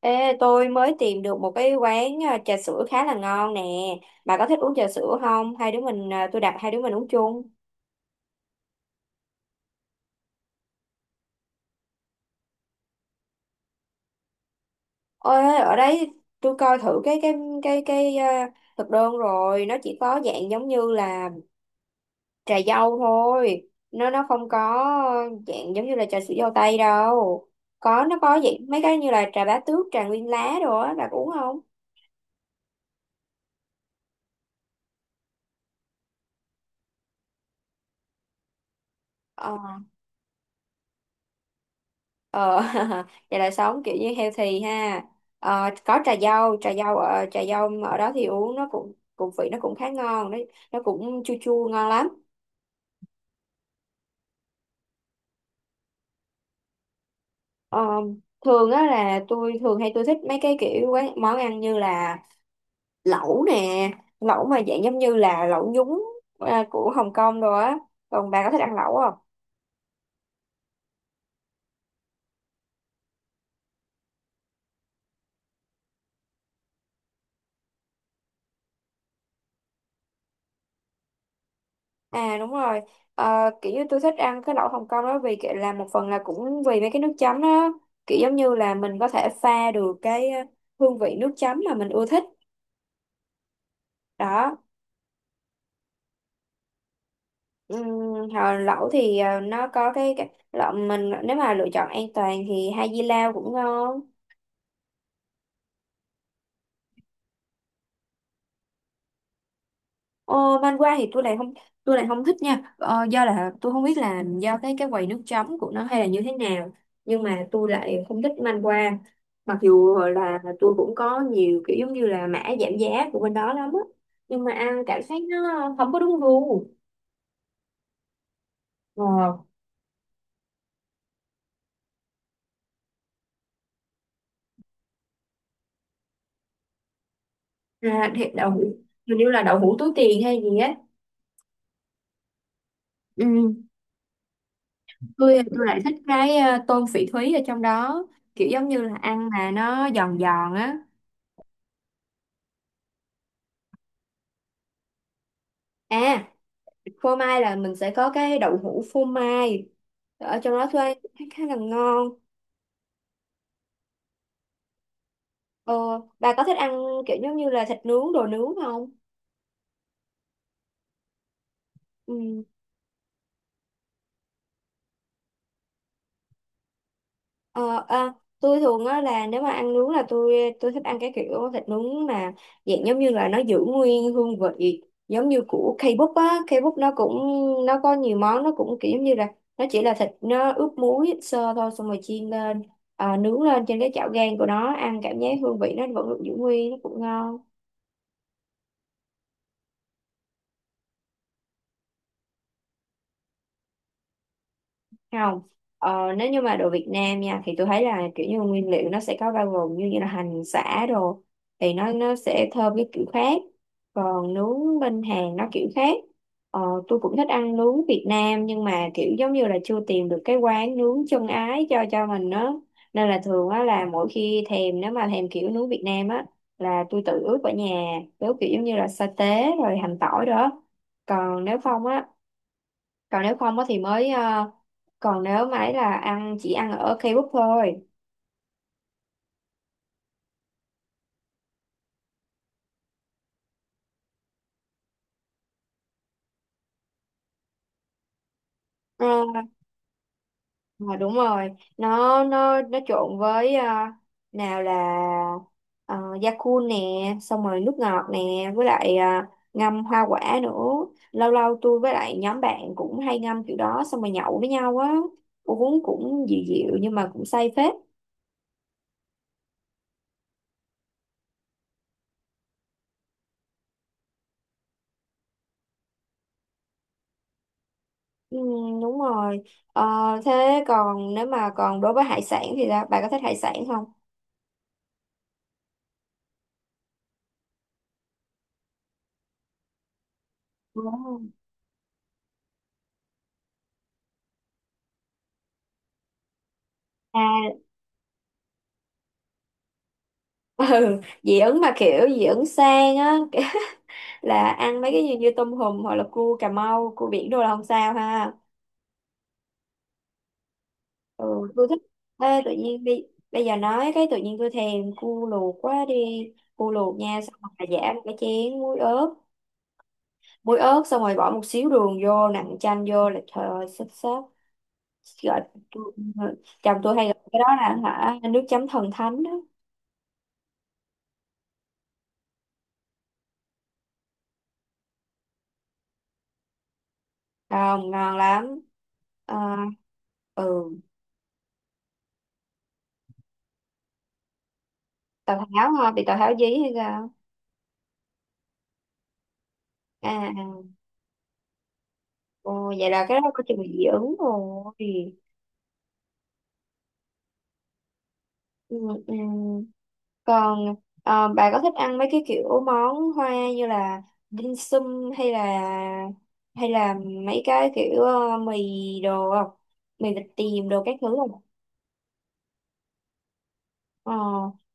Ê, tôi mới tìm được một cái quán trà sữa khá là ngon nè. Bà có thích uống trà sữa không? Hai đứa mình tôi đặt hai đứa mình uống chung. Ôi, ở đấy tôi coi thử cái thực đơn rồi, nó chỉ có dạng giống như là trà dâu thôi. Nó không có dạng giống như là trà sữa dâu tây đâu. Nó có dạng mấy cái như là trà bá tước, trà nguyên lá đồ á, bà có uống không? Ờ. Ờ, vậy là sống kiểu như healthy ha. Ờ, có trà dâu ở đó thì uống nó cũng cũng vị nó cũng khá ngon đấy, nó cũng chua chua ngon lắm. Ờ, thường á là tôi thường hay tôi thích mấy cái kiểu quán món ăn như là lẩu nè, lẩu mà dạng giống như là lẩu nhúng của Hồng Kông rồi á. Còn bà có thích ăn lẩu không? À, đúng rồi. Ờ, kiểu như tôi thích ăn cái lẩu Hồng Kông đó vì kiểu là một phần là cũng vì mấy cái nước chấm đó, kiểu giống như là mình có thể pha được cái hương vị nước chấm mà mình ưa thích đó. Ừm, hồi lẩu thì nó có cái lẩu, mình nếu mà lựa chọn an toàn thì hai di lao cũng ngon. Ờ, văn qua thì tôi lại không thích nha, do là tôi không biết là do cái quầy nước chấm của nó hay là như thế nào, nhưng mà tôi lại không thích man qua, mặc dù là tôi cũng có nhiều kiểu giống như là mã giảm giá của bên đó lắm á, nhưng mà ăn cảm giác nó không có đúng gu. Ờ. À, thì đậu hũ, hình như là đậu hũ túi tiền hay gì á. Ừ. tôi lại thích cái tôm phỉ thúy ở trong đó, kiểu giống như là ăn mà nó giòn giòn á. À, phô mai là mình sẽ có cái đậu hũ phô mai ở trong đó thuê, khá khá là ngon. Ờ, bà có thích ăn kiểu giống như là thịt nướng đồ nướng không? Ừ. Ờ, tôi thường á là nếu mà ăn nướng là tôi thích ăn cái kiểu thịt nướng mà dạng giống như là nó giữ nguyên hương vị giống như của K-pop á. K-pop nó cũng, nó có nhiều món, nó cũng kiểu giống như là nó chỉ là thịt nó ướp muối sơ thôi, xong rồi chiên lên nướng lên trên cái chảo gang của nó, ăn cảm giác hương vị nó vẫn được giữ nguyên, nó cũng ngon. Không. Ờ, nếu như mà đồ Việt Nam nha thì tôi thấy là kiểu như nguyên liệu nó sẽ có bao gồm như như là hành sả đồ thì nó sẽ thơm cái kiểu khác, còn nướng bên Hàn nó kiểu khác. Ờ, tôi cũng thích ăn nướng Việt Nam nhưng mà kiểu giống như là chưa tìm được cái quán nướng chân ái cho mình đó, nên là thường á là mỗi khi thèm, nếu mà thèm kiểu nướng Việt Nam á là tôi tự ướp ở nhà, ướp kiểu giống như là sa tế rồi hành tỏi đó, còn nếu không á còn nếu không á thì mới còn nếu mà ấy là ăn chỉ ăn ở K-pop thôi. Ờ, mà đúng rồi. Nó trộn với nào là da cu nè, xong rồi nước ngọt nè, với lại ngâm hoa quả nữa. Lâu lâu tôi với lại nhóm bạn cũng hay ngâm kiểu đó xong rồi nhậu với nhau á, uống cũng dịu dịu nhưng mà cũng say phết. Ừ, đúng rồi. Ờ, thế còn nếu mà còn đối với hải sản thì sao? Bạn có thích hải sản không? Đúng. À, ừ. Dị ứng mà kiểu dị ứng sang á, là ăn mấy cái gì như tôm hùm hoặc là cua Cà Mau, cua biển đồ là không sao ha. Ừ, tôi thích. Ê, tự nhiên đi, bây giờ nói cái tự nhiên tôi thèm cua luộc quá đi. Cua luộc nha, xong rồi giả một cái chén muối ớt, muối ớt xong rồi bỏ một xíu đường vô, nặn chanh vô là trời ơi, xếp xếp gọi. tôi- Chồng tôi hay gọi cái đó là hả nước chấm thần thánh đó, không ngon lắm. Ờ, ừ. Tào tháo hả, bị tào tháo dí hay sao? À, à. Ồ, vậy là cái đó có chừng dị ứng rồi. Ừ, ừ. Còn bà có thích ăn mấy cái kiểu món hoa như là dim sum hay là, hay là mấy cái kiểu mì đồ không? Mì vịt tiềm đồ các thứ không? Ờ,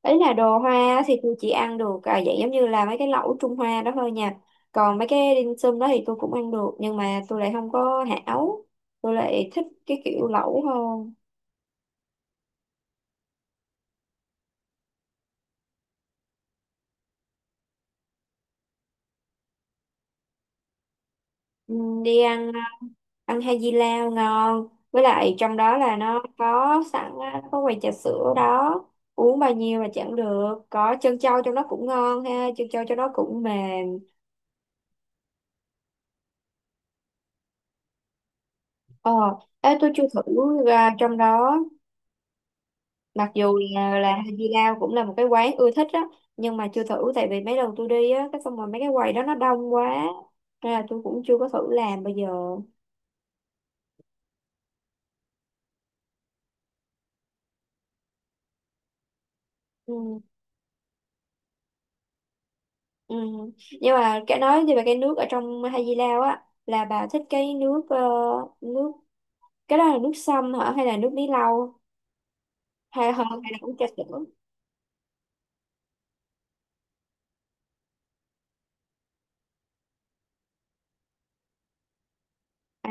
ấy là đồ hoa thì tôi chỉ ăn được dạng giống như là mấy cái lẩu Trung Hoa đó thôi nha. Còn mấy cái dim sum đó thì tôi cũng ăn được nhưng mà tôi lại không có hảo. Tôi lại thích cái kiểu lẩu hơn. Ừ, đi ăn hai di lao ngon, với lại trong đó là nó có sẵn á, có quầy trà sữa đó, uống bao nhiêu mà chẳng được, có trân châu trong đó cũng ngon ha, trân châu trong đó cũng mềm. Ờ. Ê, tôi chưa thử ra trong đó, mặc dù là, hai di lao cũng là một cái quán ưa thích á, nhưng mà chưa thử tại vì mấy lần tôi đi á, cái xong rồi mấy cái quầy đó nó đông quá, nên là tôi cũng chưa có thử làm bây giờ. Ừ. Ừ. Nhưng mà cái nói về cái nước ở trong Hai Di Lao á, là bà thích cái nước nước cái đó là nước sâm hả hay là nước bí lau hay hơn, hay là uống trà sữa? À.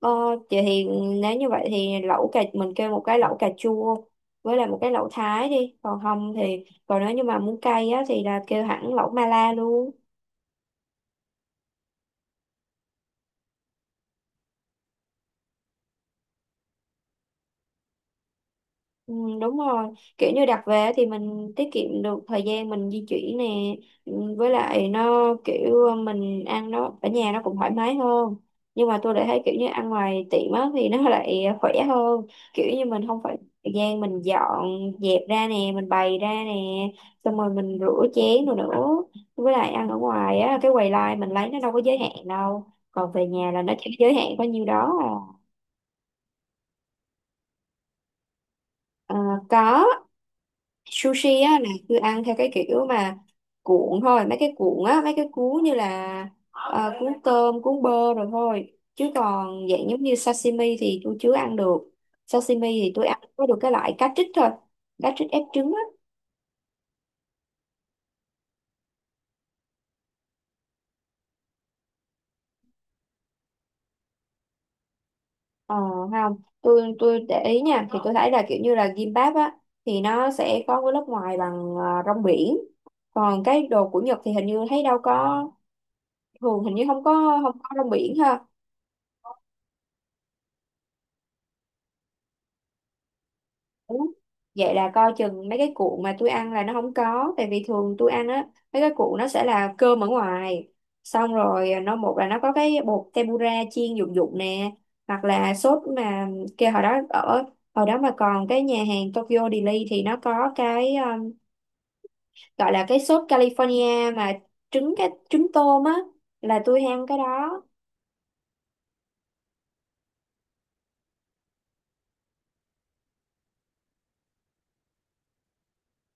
Ờ, chị thì nếu như vậy thì lẩu cà mình kêu một cái lẩu cà chua với lại một cái lẩu Thái đi, còn không thì, còn nếu như mà muốn cay á thì là kêu hẳn lẩu Mala luôn. Ừ, đúng rồi, kiểu như đặt về thì mình tiết kiệm được thời gian mình di chuyển nè. Ừ, với lại nó kiểu mình ăn nó ở nhà nó cũng thoải mái hơn, nhưng mà tôi lại thấy kiểu như ăn ngoài tiệm á thì nó lại khỏe hơn, kiểu như mình không phải thời gian mình dọn dẹp ra nè, mình bày ra nè, xong rồi mình rửa chén rồi nữa, với lại ăn ở ngoài á cái quầy line mình lấy nó đâu có giới hạn đâu, còn về nhà là nó chỉ giới hạn có nhiêu đó à. Ờ, có. Sushi á là cứ ăn theo cái kiểu mà cuộn thôi, mấy cái cuộn á, mấy cái cuốn như là cuốn tôm, cuốn bơ rồi thôi, chứ còn dạng giống như sashimi thì tôi chưa ăn được. Sashimi thì tôi ăn có được cái loại cá trích thôi, cá trích ép trứng á. Ờ, không, tôi để ý nha thì tôi thấy là kiểu như là gimbap á thì nó sẽ có cái lớp ngoài bằng rong biển, còn cái đồ của Nhật thì hình như thấy đâu có, thường hình như không có rong biển ha. Ủa? Vậy là coi chừng mấy cái cuộn mà tôi ăn là nó không có. Tại vì thường tôi ăn á, mấy cái cuộn nó sẽ là cơm ở ngoài, xong rồi nó, một là nó có cái bột tempura chiên dụng dụng nè, hoặc là sốt mà kia, hồi đó ở, hồi đó mà còn cái nhà hàng Tokyo Deli thì nó có cái gọi là cái sốt California mà cái trứng tôm á, là tôi ham cái đó.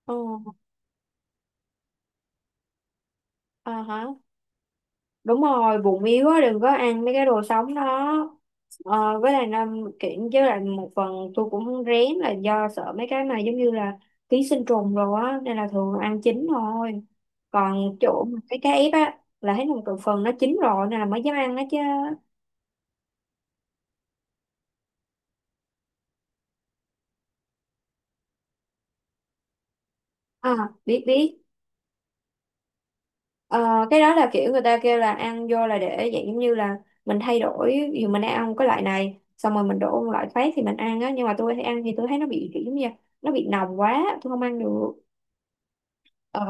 Ừ, ờ hả? Đúng rồi, bụng yếu á đừng có ăn mấy cái đồ sống đó. Ờ, với lại năm kiện, với lại một phần tôi cũng rén là do sợ mấy cái mà giống như là ký sinh trùng rồi á, nên là thường ăn chín thôi, còn chỗ mà cái cá ép á là thấy một phần nó chín rồi nên là mới dám ăn đó chứ. À, biết biết. Ờ, cái đó là kiểu người ta kêu là ăn vô là để dạng giống như là mình thay đổi, dù mình đang ăn cái loại này xong rồi mình đổ một loại khác thì mình ăn á, nhưng mà tôi thấy ăn thì tôi thấy nó bị kiểu giống như là nó bị nồng quá, tôi không ăn được. Ừ,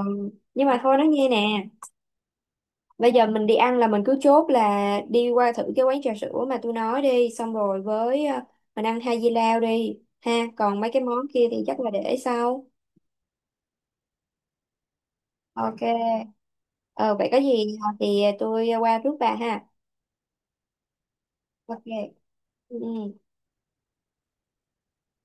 nhưng mà thôi nói nghe nè, bây giờ mình đi ăn là mình cứ chốt là đi qua thử cái quán trà sữa mà tôi nói đi, xong rồi với mình ăn hai dưa lao đi ha, còn mấy cái món kia thì chắc là để sau. Ok. Ờ, vậy có gì thì tôi qua rước bà ha. Ok. Ừ. Ừ.